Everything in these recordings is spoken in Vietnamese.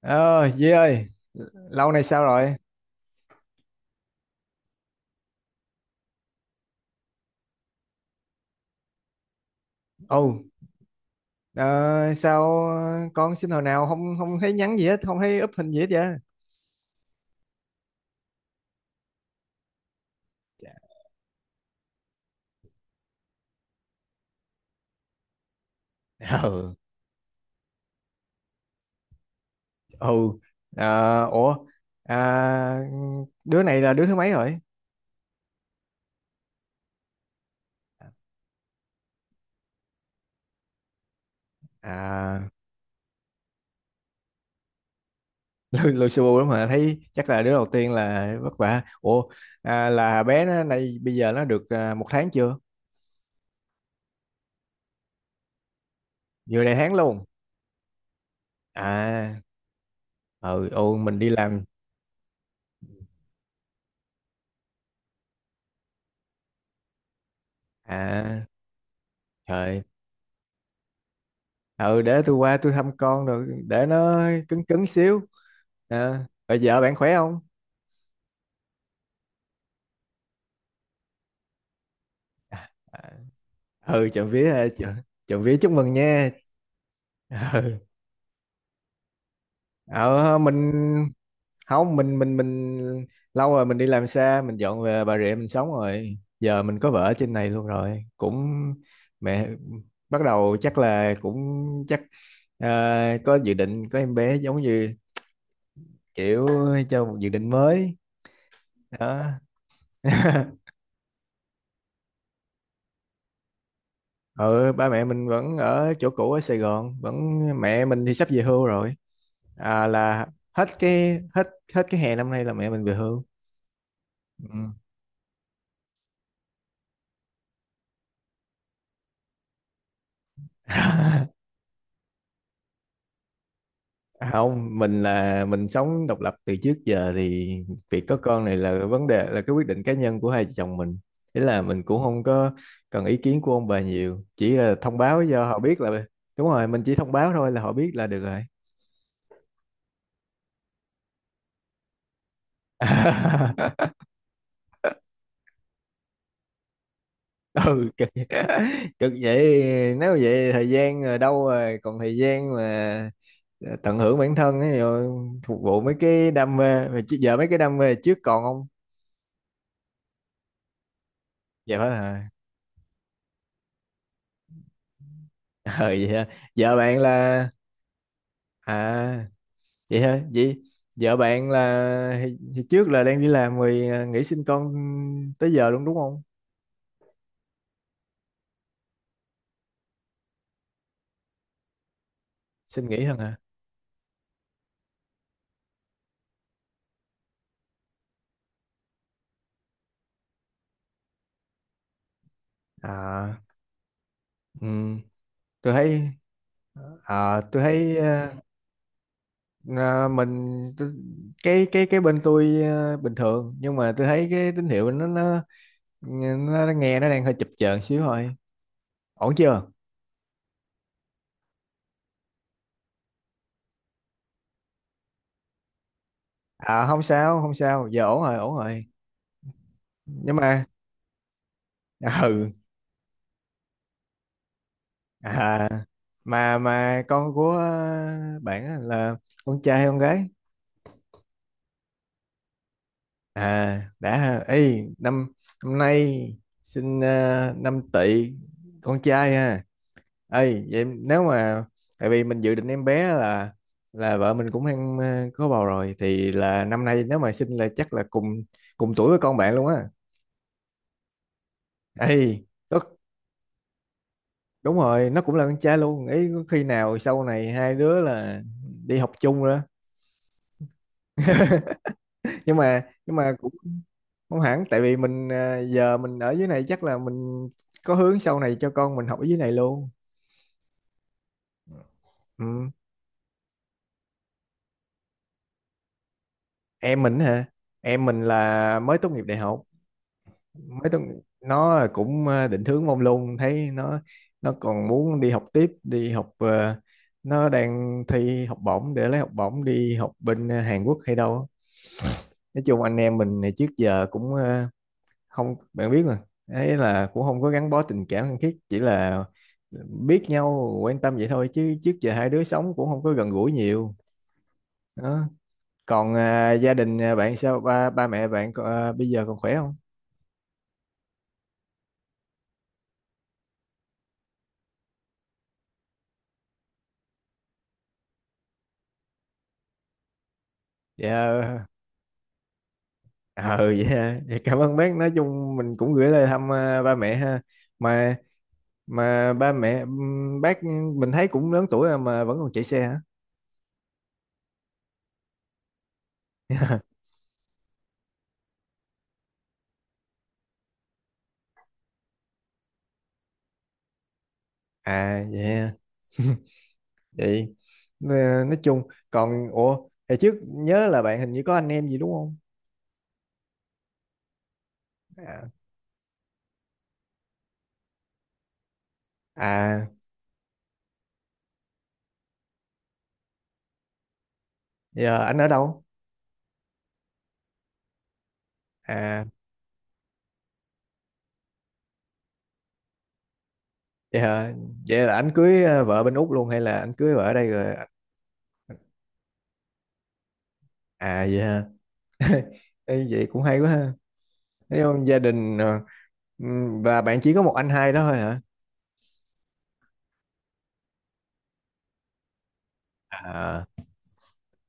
Ờ, Duy ơi, lâu nay sao rồi? Ồ, ờ, sao con xin hồi nào không không thấy nhắn gì hết, không thấy up hình gì hết vậy? Ừ, ừ. Ủa, à, đứa này là đứa thứ mấy rồi? À, lôi lôi xù lắm mà thấy chắc là đứa đầu tiên là vất vả. Ủa, à, là bé nó này bây giờ nó được một tháng chưa? Vừa đầy tháng luôn. À, mình đi làm. À, trời. Ừ, để tôi qua tôi thăm con rồi để nó cứng cứng xíu. À, rồi vợ bạn khỏe không? À, ừ, trộm vía ha, trộm vía chúc mừng nha. Ừ, ờ, mình không mình lâu rồi mình đi làm xa, mình dọn về Bà Rịa mình sống rồi, giờ mình có vợ ở trên này luôn rồi cũng mẹ bắt đầu chắc là chắc ờ, có dự định có em bé giống như kiểu cho một dự định mới đó. Ừ, ba mẹ mình vẫn ở chỗ cũ ở Sài Gòn, vẫn mẹ mình thì sắp về hưu rồi. À, là hết cái hết hết cái hè năm nay là mẹ mình về hưu. Ừ. À, không, mình là mình sống độc lập từ trước giờ thì việc có con này là vấn đề, là cái quyết định cá nhân của hai vợ chồng mình, thế là mình cũng không có cần ý kiến của ông bà nhiều, chỉ là thông báo cho họ biết là đúng rồi, mình chỉ thông báo thôi là họ biết là được rồi. Ừ, cực, cực vậy nếu vậy thời gian rồi đâu rồi còn thời gian mà tận hưởng bản thân ấy, rồi phục vụ mấy cái đam mê, mà chứ giờ mấy cái đam mê trước còn không, giờ hết hả? Ừ vậy hả, giờ bạn là à vậy hả, vậy giờ bạn là thì, trước là đang đi làm rồi, nghỉ sinh con tới giờ luôn đúng không? Xin nghỉ hơn hả? À, ừ, tôi thấy à tôi thấy ờ, à, mình t- cái bên tôi bình thường nhưng mà tôi thấy cái tín hiệu nghe nó đang hơi chập chờn xíu thôi. Ổn chưa? À, không sao không sao, giờ ổn rồi ổn rồi. Nhưng mà ừ. À, mà con của bạn á là con trai hay con gái? À đã ha. Ê, năm năm nay sinh năm tỵ, con trai ha. Ấy vậy nếu mà tại vì mình dự định em bé là vợ mình cũng đang có bầu rồi, thì là năm nay nếu mà sinh là chắc là cùng cùng tuổi với con bạn luôn á. Ấy có đúng rồi, nó cũng là con trai luôn. Ý có khi nào sau này hai đứa là đi học chung rồi đó. Nhưng mà cũng không hẳn, tại vì mình giờ mình ở dưới này chắc là mình có hướng sau này cho con mình học ở dưới này luôn. Ừ. Em mình hả? Em mình là mới tốt nghiệp đại học mấy tuần, nó cũng định hướng mông lung, thấy nó còn muốn đi học tiếp, đi học nó đang thi học bổng để lấy học bổng đi học bên Hàn Quốc hay đâu á. Nói chung anh em mình này trước giờ cũng không, bạn biết mà, ấy là cũng không có gắn bó tình cảm thân thiết, chỉ là biết nhau quan tâm vậy thôi, chứ trước giờ hai đứa sống cũng không có gần gũi nhiều đó. Còn gia đình bạn sao, ba ba mẹ bạn có- bây giờ còn khỏe không? Dạ, ờ vậy ha. Cảm ơn bác, nói chung mình cũng gửi lời thăm ba mẹ ha. Mà mà ba mẹ bác mình thấy cũng lớn tuổi rồi mà vẫn còn chạy xe hả? À vậy ha. Vậy nè, nói chung còn ủa hồi trước nhớ là bạn hình như có anh em gì đúng không? À, à giờ anh ở đâu? À vậy hả, vậy là anh cưới vợ bên Úc luôn hay là anh cưới vợ ở đây rồi? À vậy hả. Ê, vậy cũng hay quá ha. Thấy không? Gia đình và bạn chỉ có một anh hai đó thôi hả? À,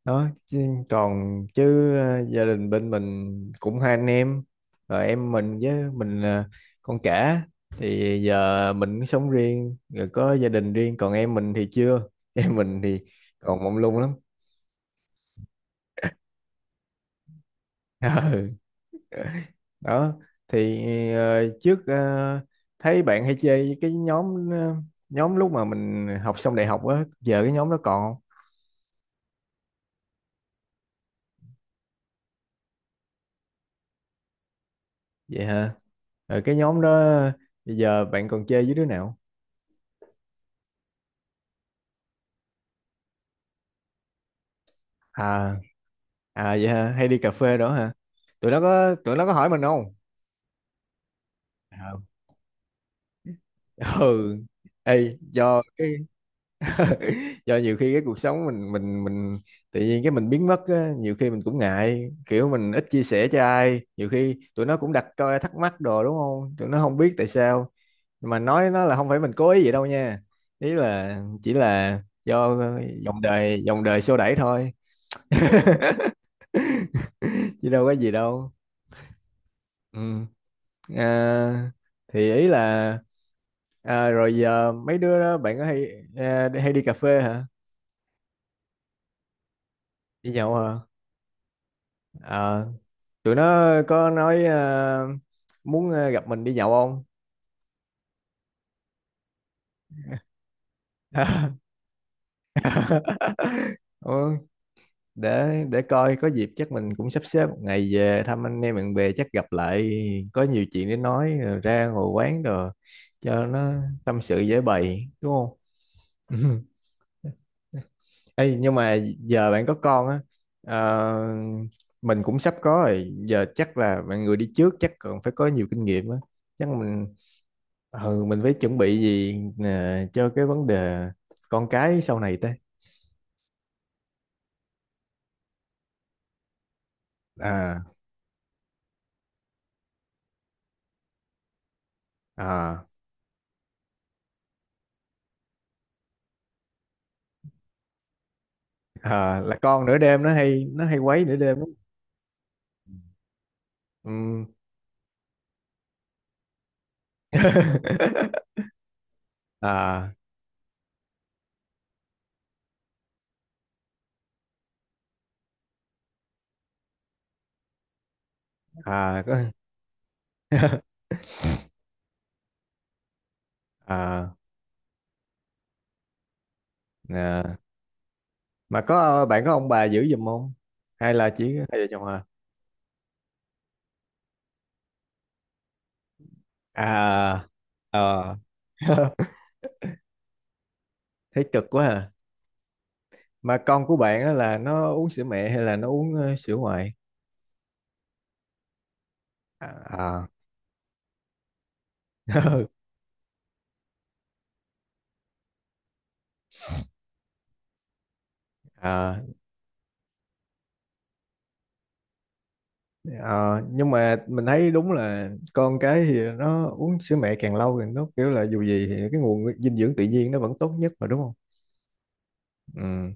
đó chứ còn chứ gia đình bên mình cũng hai anh em, rồi em mình với mình là con cả, thì giờ mình cũng sống riêng rồi có gia đình riêng, còn em mình thì chưa. Em mình thì còn mông lung lắm. Ừ, đó thì ờ, trước ờ, thấy bạn hay chơi với cái nhóm nhóm lúc mà mình học xong đại học á, giờ cái nhóm đó còn không? Vậy hả? Ờ, cái nhóm đó bây giờ bạn còn chơi với đứa nào? À, à vậy hả? Hay đi cà phê đó hả? Tụi nó có hỏi mình không? À, ừ. Ê, do nhiều khi cái cuộc sống mình tự nhiên cái mình biến mất á, nhiều khi mình cũng ngại, kiểu mình ít chia sẻ cho ai, nhiều khi tụi nó cũng đặt coi thắc mắc đồ đúng không? Tụi nó không biết tại sao. Nhưng mà nói nó là không phải mình cố ý vậy đâu nha. Ý là chỉ là do dòng đời xô đẩy thôi, chứ đâu có gì đâu. Ừ. À, thì ý là rồi giờ mấy đứa đó bạn có hay hay đi cà phê hả? Đi nhậu hả? À, tụi nó có nói muốn gặp mình đi nhậu không? Ừ, để coi có dịp chắc mình cũng sắp xếp một ngày về thăm anh em bạn bè, chắc gặp lại có nhiều chuyện để nói, rồi ra ngồi quán rồi cho nó tâm sự dễ bày đúng không? Ê, nhưng mà giờ bạn có con á, ờ, mình cũng sắp có rồi, giờ chắc là bạn người đi trước chắc còn phải có nhiều kinh nghiệm á, chắc mình ừ, mình phải chuẩn bị gì nè, cho cái vấn đề con cái sau này ta? à à À, là con nửa đêm nó hay quấy nửa đêm lắm. Ừm. à có. à, à mà có bạn có ông bà giữ giùm không hay là chỉ hai vợ chồng à? À, ờ. Thấy cực quá à. Mà con của bạn á là nó uống sữa mẹ hay là nó uống sữa ngoại? À, à, À, à, nhưng mà mình thấy đúng là con cái thì nó uống sữa mẹ càng lâu thì nó kiểu là dù gì thì cái nguồn dinh dưỡng tự nhiên nó vẫn tốt nhất mà đúng không? Ừ.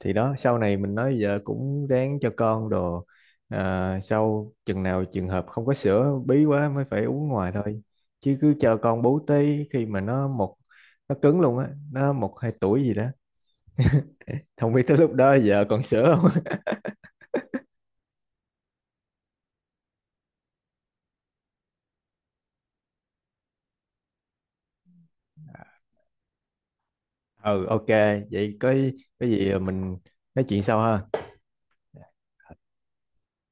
Thì đó sau này mình nói giờ cũng ráng cho con đồ, sau chừng nào trường hợp không có sữa bí quá mới phải uống ngoài thôi. Chứ cứ chờ con bú tí khi mà nó một nó cứng luôn á, nó một hai tuổi gì đó không biết tới lúc đó giờ còn sửa không. Ừ, ok. Vậy có cái gì mình nói chuyện sau ha.